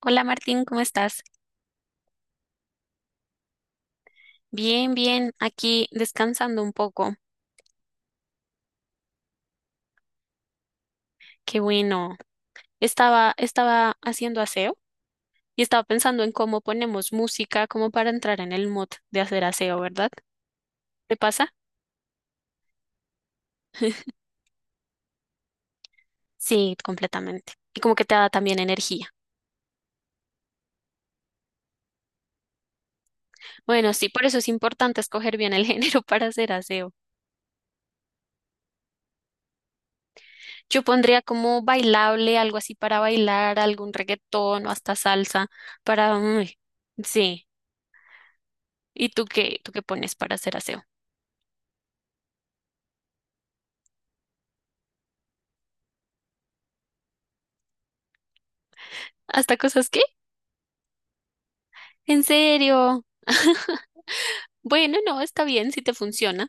Hola Martín, ¿cómo estás? Bien, bien, aquí descansando un poco. Qué bueno. Estaba haciendo aseo y estaba pensando en cómo ponemos música como para entrar en el mood de hacer aseo, ¿verdad? ¿Te pasa? Sí, completamente. Y como que te da también energía. Bueno, sí, por eso es importante escoger bien el género para hacer aseo. Yo pondría como bailable, algo así para bailar, algún reggaetón o hasta salsa para... uy, sí. ¿Y tú qué pones para hacer aseo? ¿Hasta cosas qué? ¿En serio? Bueno, no, está bien si te funciona.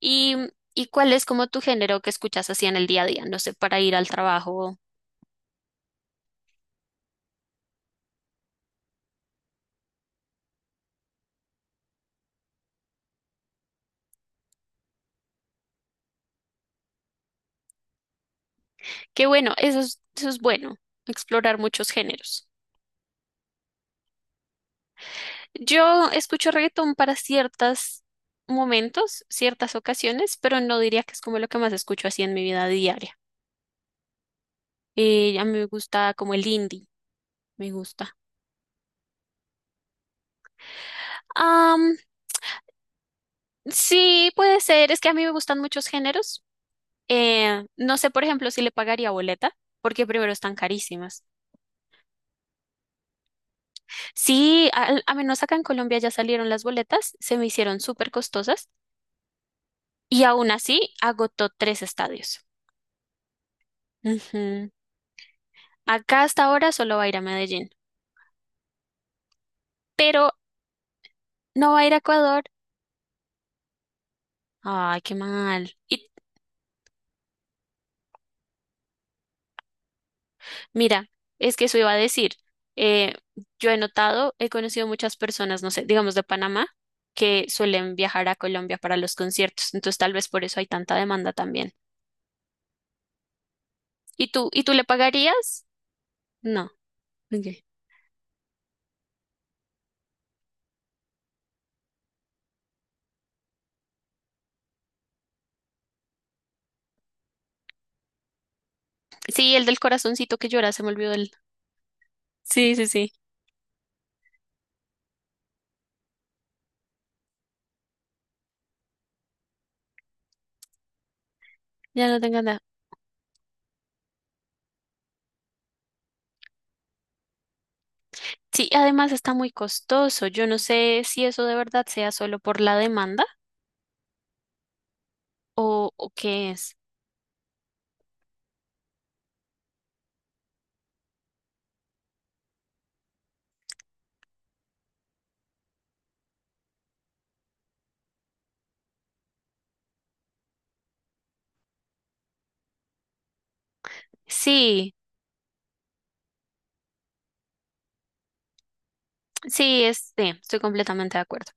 ¿Y, y cuál es como tu género que escuchas así en el día a día? No sé, para ir al trabajo. Qué bueno, eso es bueno, explorar muchos géneros. Yo escucho reggaetón para ciertos momentos, ciertas ocasiones, pero no diría que es como lo que más escucho así en mi vida diaria. A mí me gusta como el indie, me gusta. Am, sí, puede ser, es que a mí me gustan muchos géneros. No sé, por ejemplo, si le pagaría boleta, porque primero están carísimas. Sí, al- a, menos acá en Colombia ya salieron las boletas, se me hicieron súper costosas y aún así agotó tres estadios. Ujú. Acá hasta ahora solo va a ir a Medellín, pero no va a ir a Ecuador. Ay, qué mal. Y mira, es que eso iba a decir. eh, yo he notado, he conocido muchas personas, no sé, digamos de Panamá, que suelen viajar a Colombia para los conciertos, entonces tal vez por eso hay tanta demanda también. ¿Y tú le pagarías? No. Ok. Sí, el del corazoncito que llora, se me olvidó el. Sí, sí, sí. Ya no tengo nada. Sí, además está muy costoso. Yo no sé si eso de verdad sea solo por la demanda o qué es. Sí, sí, es, sí, estoy completamente de acuerdo.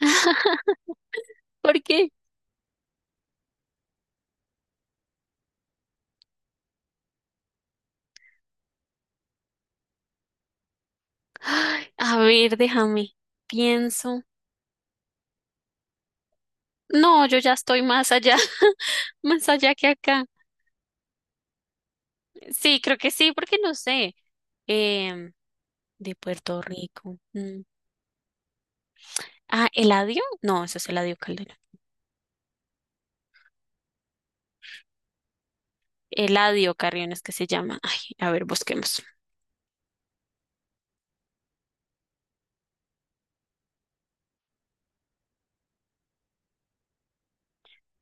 ¿Por qué? Ay, a ver, déjame. Pienso. No, yo ya estoy más allá, más allá que acá. Sí, creo que sí, porque no sé. Em, de Puerto Rico. Mm. Ah, Eladio. No, eso es Eladio Calderón. Eladio Carrión es que se llama. Ay, a ver, busquemos.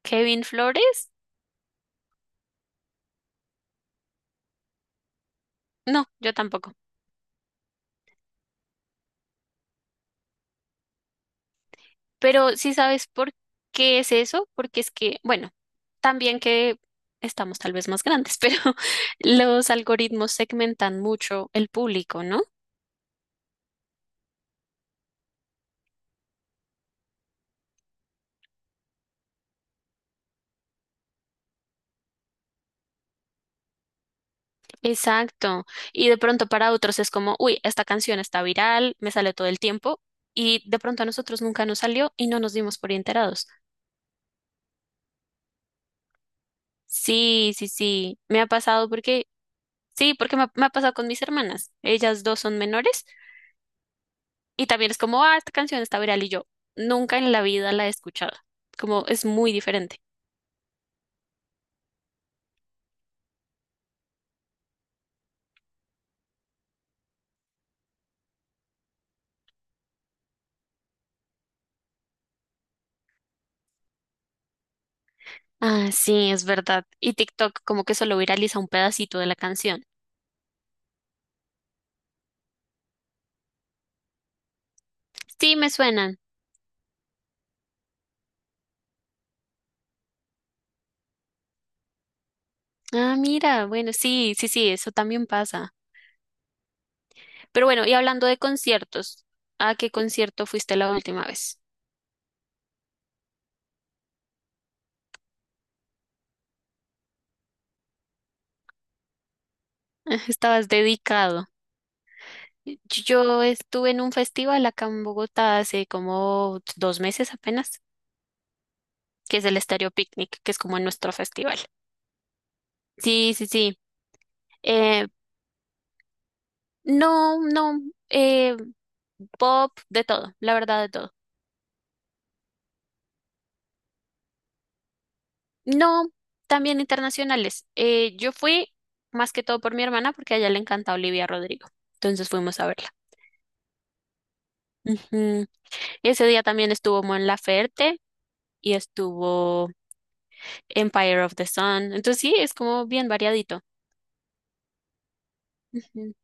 Kevin Flores. No, yo tampoco. Pero sí sabes por qué es eso, porque es que, bueno, también que estamos tal vez más grandes, pero los algoritmos segmentan mucho el público, ¿no? Exacto. Y de pronto para otros es como, uy, esta canción está viral, me sale todo el tiempo. Y de pronto a nosotros nunca nos salió y no nos dimos por enterados. Sí, sí, sí. Me ha pasado porque, sí, porque me ha pasado con mis hermanas. Ellas dos son menores y también es como, ah, esta canción está viral y yo nunca en la vida la he escuchado. Como es muy diferente. Ah, sí, es verdad. Y TikTok como que solo viraliza un pedacito de la canción. Sí, me suenan. Ah, mira, bueno, sí, sí, sí, eso también pasa. Pero bueno, y hablando de conciertos, ¿a qué concierto fuiste la última vez? Estabas dedicado. Yo estuve en un festival acá en Bogotá hace como dos meses apenas, que es el Estéreo Picnic, que es como nuestro festival. Sí, sí, sí. Eh, no, no, eh, pop, de todo, la verdad de todo. No, también internacionales. Yo fui más que todo por mi hermana porque a ella le encanta Olivia Rodrigo. Entonces fuimos a verla. Ujú. Ese día también estuvo Mon Laferte y estuvo Empire of the Sun. Entonces sí, es como bien variadito. Ujú.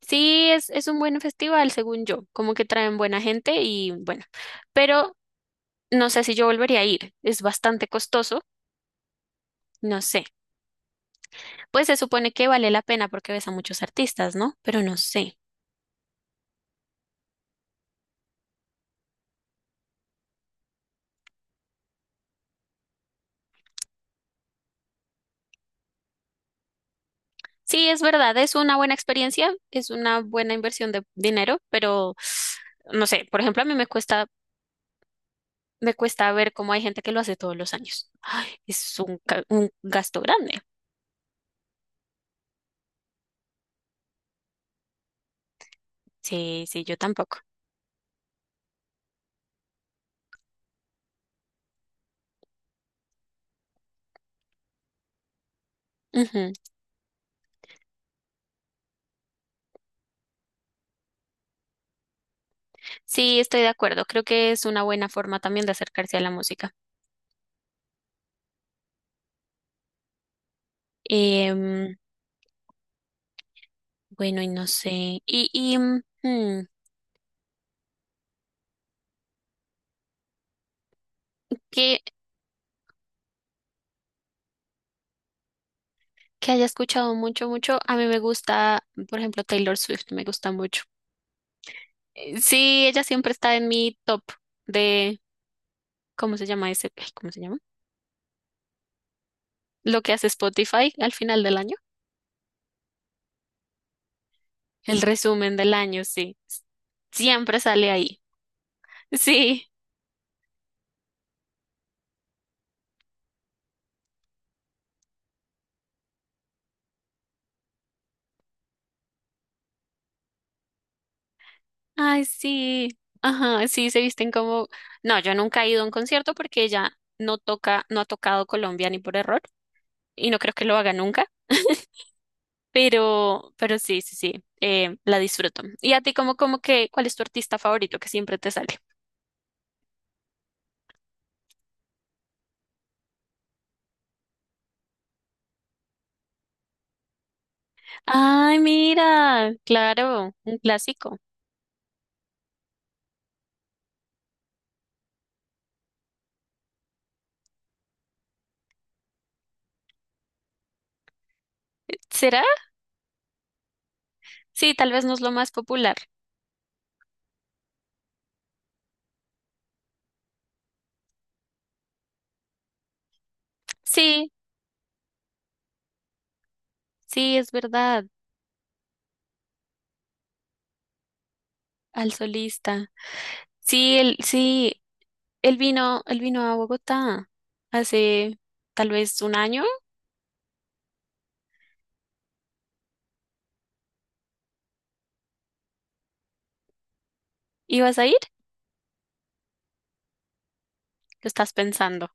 Sí, es un buen festival, según yo, como que traen buena gente y bueno, pero no sé si yo volvería a ir, es bastante costoso, no sé. Pues se supone que vale la pena porque ves a muchos artistas, ¿no? Pero no sé. Sí, es verdad, es una buena experiencia, es una buena inversión de dinero, pero no sé, por ejemplo, a mí me cuesta ver cómo hay gente que lo hace todos los años. Ay, es un, ca- un gasto grande. Sí, sí, yo tampoco. Ujú. Sí, estoy de acuerdo. Creo que es una buena forma también de acercarse a la música. Em, bueno, y no sé. Y, y mm, hmm, que, que haya escuchado mucho, mucho. A mí me gusta, por ejemplo, Taylor Swift, me gusta mucho. Sí, ella siempre está en mi top de, ¿cómo se llama ese? Ay, ¿cómo se llama? Lo que hace Spotify al final del año. El resumen del año, sí. Siempre sale ahí. Sí. Ay, sí. Ajá, sí, se visten como... No, yo nunca he ido a un concierto porque ella no toca, no ha tocado Colombia ni por error y no creo que lo haga nunca, pero sí, sí, sí, la disfruto. ¿Y a ti como, como que, cuál es tu artista favorito que siempre te sale? Ay, mira, claro, un clásico. ¿Será? Sí, tal vez no es lo más popular. Sí, sí, es verdad, al solista. Sí, el, sí, él vino a Bogotá hace tal vez un año. ¿Ibas a ir? ¿Lo estás pensando?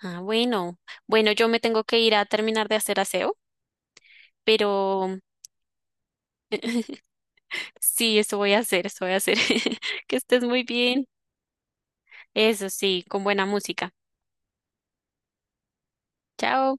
Ah, bueno. Bueno, yo me tengo que ir a terminar de hacer aseo, pero sí, eso voy a hacer. Que estés muy bien. Eso sí, con buena música. Chao.